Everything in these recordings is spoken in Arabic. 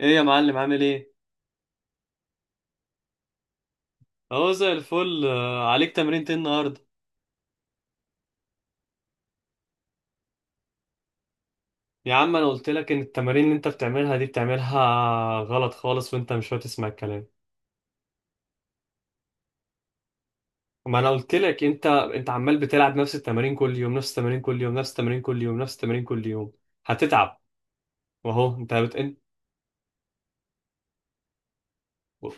ايه يا معلم؟ عامل ايه؟ اهو زي الفل. عليك تمرين ايه النهارده؟ يا عم انا قلت لك ان التمارين اللي انت بتعملها دي بتعملها غلط خالص، وانت مش هتسمع الكلام. ما انا قلت لك، انت عمال بتلعب نفس التمارين كل يوم، نفس التمارين كل يوم، نفس التمارين كل يوم، نفس التمارين كل يوم، هتتعب. واهو انت بت... انت-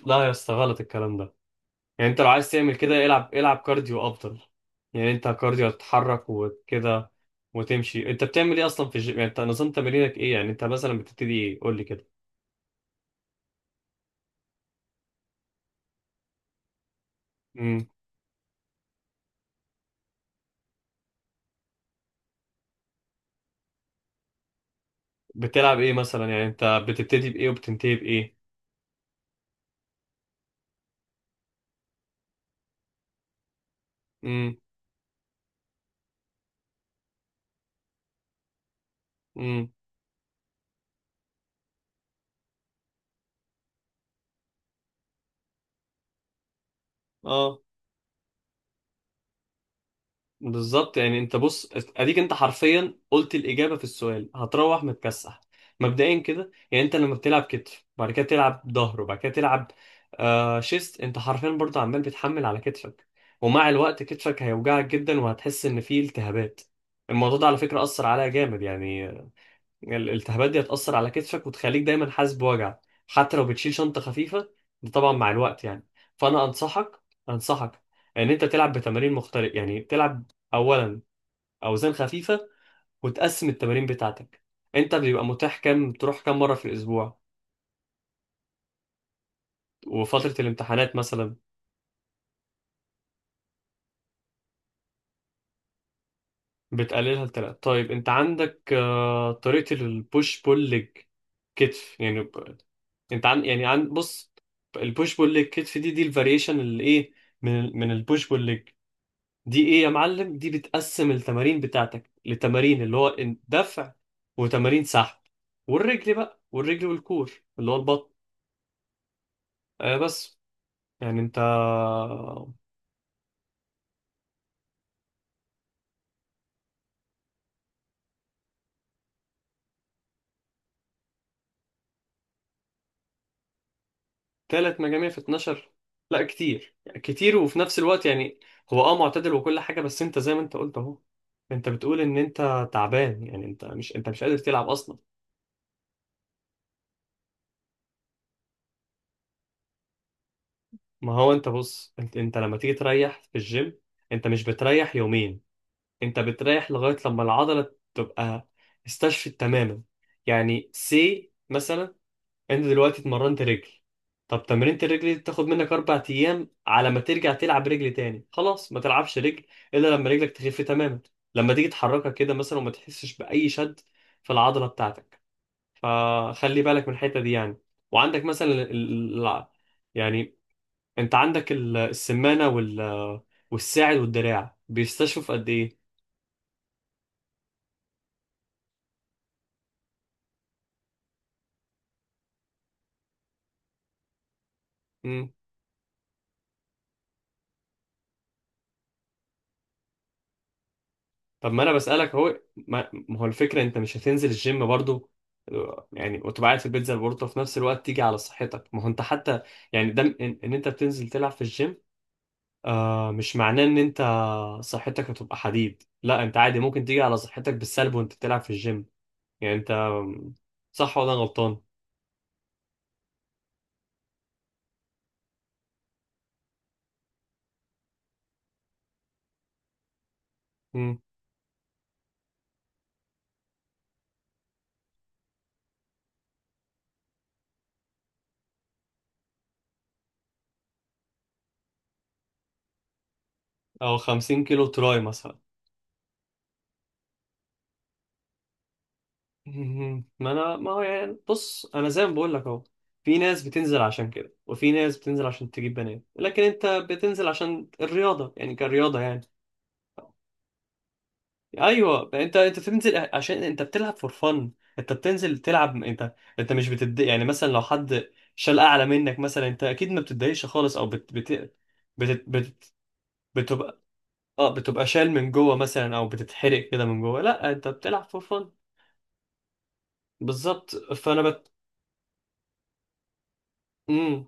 لا يا اسطى، غلط الكلام ده. يعني انت لو عايز تعمل كده، العب العب كارديو افضل. يعني انت كارديو هتتحرك وكده وتمشي. انت بتعمل ايه اصلا في الجيم؟ يعني انت نظام تمرينك ايه؟ يعني انت مثلا بتبتدي ايه؟ قول لي. كده بتلعب ايه مثلا؟ يعني انت بتبتدي بايه وبتنتهي بايه؟ امم امم اه، بالظبط. يعني انت بص، اديك انت حرفيا قلت الاجابه في السؤال، هتروح متكسح. مبدئيا كده، يعني انت لما بتلعب كتف وبعد كده تلعب ظهر وبعد كده تلعب آه شيست، انت حرفيا برضه عمال بتحمل على كتفك، ومع الوقت كتفك هيوجعك جدا وهتحس ان فيه التهابات. الموضوع ده على فكره اثر عليا جامد يعني. الالتهابات دي هتأثر على كتفك وتخليك دايما حاسس بوجع، حتى لو بتشيل شنطة خفيفة. ده طبعا مع الوقت يعني. فأنا أنصحك، أنصحك إن أنت تلعب بتمارين مختلفة، يعني تلعب أولا أوزان خفيفة، وتقسم التمارين بتاعتك. أنت بيبقى متاح كام؟ تروح كام مرة في الأسبوع؟ وفترة الامتحانات مثلا بتقللها لتلاتة. طيب، انت عندك طريقة البوش بول ليج كتف، يعني انت عن يعني عن بص، البوش بول ليج كتف، دي الفاريشن اللي ايه، من من البوش بول ليج، دي ايه يا معلم؟ دي بتقسم التمارين بتاعتك لتمارين اللي هو دفع وتمارين سحب، والرجل بقى، والرجل والكور اللي هو البطن. آه بس. يعني انت ثلاث مجاميع في 12؟ لا كتير، يعني كتير، وفي نفس الوقت يعني هو اه معتدل وكل حاجة، بس انت زي ما انت قلت اهو، انت بتقول ان انت تعبان، يعني انت مش قادر تلعب اصلا. ما هو انت بص، انت لما تيجي تريح في الجيم، انت مش بتريح يومين، انت بتريح لغاية لما العضلة تبقى استشفت تماما. يعني سي مثلا، انت دلوقتي اتمرنت رجل، طب تمرينة الرجل دي بتاخد منك اربع ايام على ما ترجع تلعب رجل تاني. خلاص، ما تلعبش رجل الا لما رجلك تخف تماما، لما تيجي تحركها كده مثلا وما تحسش باي شد في العضلة بتاعتك. فخلي بالك من الحتة دي يعني. وعندك مثلا يعني، انت عندك السمانة والساعد والدراع بيستشفوا في قد ايه. طب ما انا بسألك اهو، ما هو الفكرة، انت مش هتنزل الجيم برضو؟ يعني وتبقى قاعد في البيت زي البورتو، وفي نفس الوقت تيجي على صحتك. ما هو انت حتى يعني ده إن انت بتنزل تلعب في الجيم، آه، مش معناه ان انت صحتك هتبقى حديد. لا، انت عادي ممكن تيجي على صحتك بالسلب وانت بتلعب في الجيم. يعني انت، صح ولا أنا غلطان؟ مم. او 50 كيلو تراي مثلا. مهم. ما انا ما هو يعني بص، انا زي ما بقول لك اهو، في ناس بتنزل عشان كده، وفي ناس بتنزل عشان تجيب بنات، لكن انت بتنزل عشان الرياضه، يعني كرياضه يعني. ايوه، انت بتنزل عشان انت بتلعب فور فن، انت بتنزل تلعب، انت مش بتد، يعني مثلا لو حد شال اعلى منك مثلا، انت اكيد ما بتتضايقش خالص، او بت... بت... بتبقى، اه بتبقى شال من جوه مثلا، او بتتحرق كده من جوه. لا انت بتلعب فور فن، بالظبط. مم.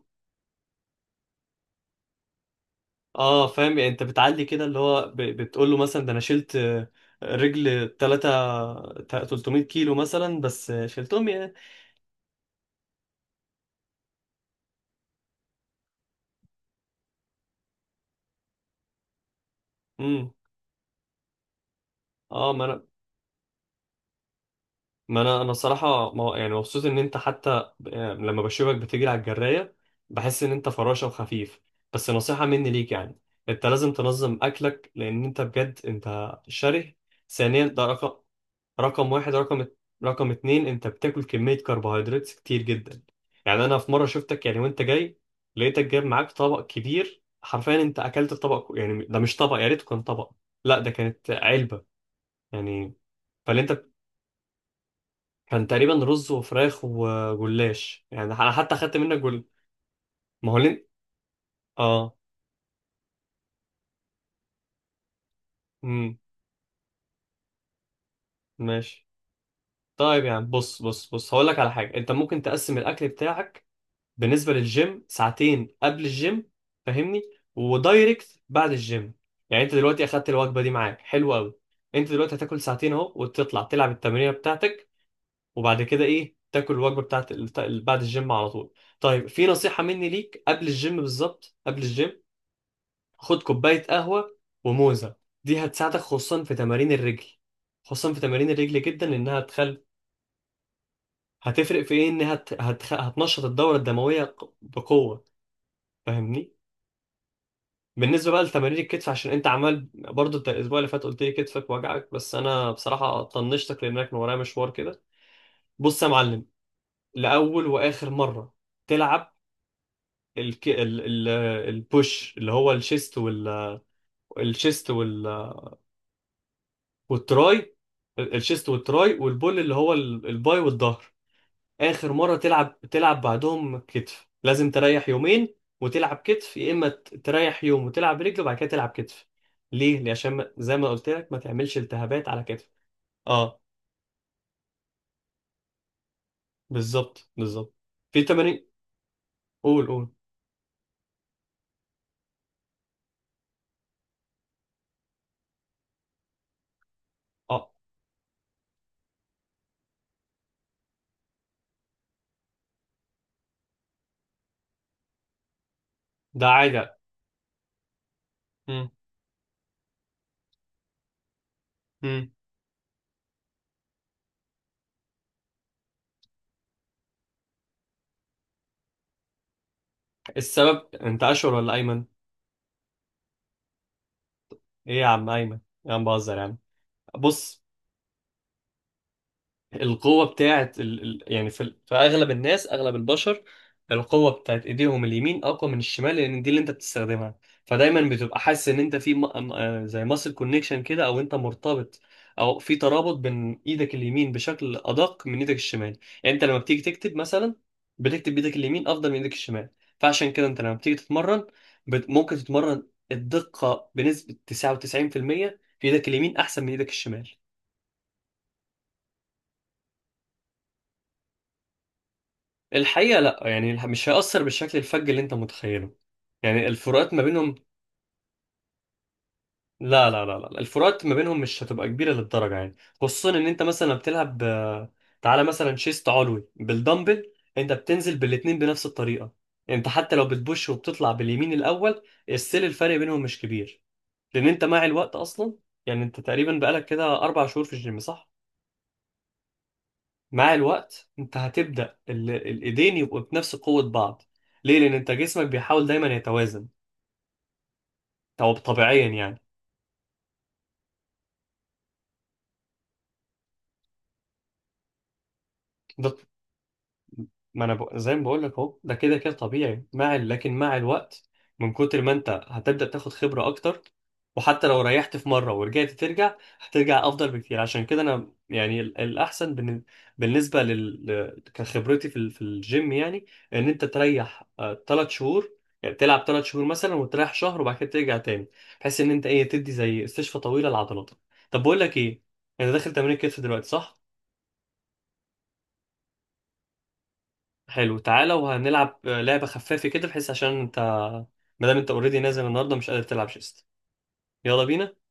اه فاهم. يعني انت بتعلي كده، اللي هو بتقول له مثلا ده انا شلت رجل 3 300 كيلو مثلا، بس شلتهم يعني. امم اه. ما انا انا صراحه، ما يعني مبسوط ان انت حتى لما بشوفك بتجري على الجرايه، بحس ان انت فراشه وخفيف. بس نصيحه مني ليك، يعني انت لازم تنظم اكلك، لان انت بجد انت شره. ثانيا، ده رقم، رقم واحد. رقم اتنين، انت بتاكل كميه كربوهيدرات كتير جدا. يعني انا في مره شفتك، يعني وانت جاي، لقيتك جايب معاك طبق كبير حرفيا، انت اكلت الطبق، يعني ده مش طبق، يا ريت كان طبق، لا ده كانت علبه يعني. فاللي انت كان تقريبا رز وفراخ وجلاش، يعني انا حتى خدت منك جل. ما هو ليه؟ اه. امم ماشي. طيب يعني بص بص بص، هقول لك على حاجه، انت ممكن تقسم الاكل بتاعك بالنسبه للجيم، ساعتين قبل الجيم، فاهمني، ودايركت بعد الجيم. يعني انت دلوقتي اخدت الوجبه دي معاك، حلو قوي، انت دلوقتي هتاكل ساعتين اهو وتطلع تلعب التمرينه بتاعتك، وبعد كده ايه، تاكل الوجبه بتاعت بعد الجيم على طول. طيب، في نصيحه مني ليك، قبل الجيم بالظبط، قبل الجيم خد كوباية قهوة وموزة. دي هتساعدك خصوصا في تمارين الرجل، خصوصا في تمارين الرجل جدا، انها تخل. هتفرق في ايه؟ انها هتنشط الدورة الدموية بقوة، فاهمني. بالنسبة بقى لتمارين الكتف، عشان انت عمال برضو، انت الاسبوع اللي فات قلت لي كتفك وجعك، بس انا بصراحة طنشتك لانك كان ورايا مشوار كده. بص يا معلم، لاول واخر مرة تلعب الك... ال... ال... البوش، اللي هو الشيست الشيست والتراي، الشيست والتراي، والبول اللي هو الباي والظهر، اخر مره تلعب، تلعب بعدهم كتف لازم تريح يومين، وتلعب كتف. يا اما تريح يوم وتلعب رجل، وبعد كده تلعب كتف. ليه؟ ليه؟ عشان زي ما قلت لك، ما تعملش التهابات على كتف. اه بالظبط بالظبط. في تمارين. قول قول. اه، ده عادي. مم. مم. السبب، انت اشهر ولا ايمن؟ ايه يا عم ايمن، يا عم بهزر يا عم. بص، القوة بتاعت يعني في أغلب الناس، أغلب البشر، القوة بتاعت إيديهم اليمين أقوى من الشمال، لأن دي اللي أنت بتستخدمها. فدايما بتبقى حاسس إن أنت في زي ماسل كونكشن كده، أو أنت مرتبط، أو في ترابط بين إيدك اليمين بشكل أدق من إيدك الشمال. يعني أنت لما بتيجي تكتب مثلا، بتكتب بإيدك اليمين أفضل من إيدك الشمال. فعشان كده، أنت لما بتيجي تتمرن، ممكن تتمرن الدقة بنسبة 99% في المية في إيدك اليمين أحسن من إيدك الشمال. الحقيقة لا يعني، مش هيأثر بالشكل الفج اللي انت متخيله، يعني الفروقات ما بينهم، لا لا لا لا، الفروقات ما بينهم مش هتبقى كبيرة للدرجة يعني. خصوصا ان انت مثلا بتلعب، تعالى مثلا شيست علوي بالدمبل، انت بتنزل بالاتنين بنفس الطريقة، انت حتى لو بتبوش وبتطلع باليمين الاول، السيل الفرق بينهم مش كبير. لان انت مع الوقت اصلا، يعني انت تقريبا بقالك كده اربع شهور في الجيم صح؟ مع الوقت انت هتبدأ الايدين يبقوا بنفس قوة بعض. ليه؟ لأن أنت جسمك بيحاول دايما يتوازن، أو طبيعيا يعني. ده ما أنا زي ما بقول لك أهو، ده كده كده طبيعي مع لكن مع الوقت، من كتر ما أنت هتبدأ تاخد خبرة أكتر، وحتى لو ريحت في مرة ورجعت ترجع، هترجع أفضل بكتير. عشان كده أنا يعني بالنسبة كخبرتي في في الجيم يعني، إن أنت تريح ثلاث شهور، يعني تلعب ثلاث شهور مثلا وتريح شهر وبعد كده ترجع تاني، بحيث إن أنت إيه، تدي زي استشفى طويلة لعضلاتك. طب بقول لك إيه، أنا داخل تمرين كتف دلوقتي صح؟ حلو، تعالى، وهنلعب لعبة خفافة كده، بحيث عشان انت مادام انت اوريدي نازل النهارده مش قادر تلعب شيست. يلا بينا.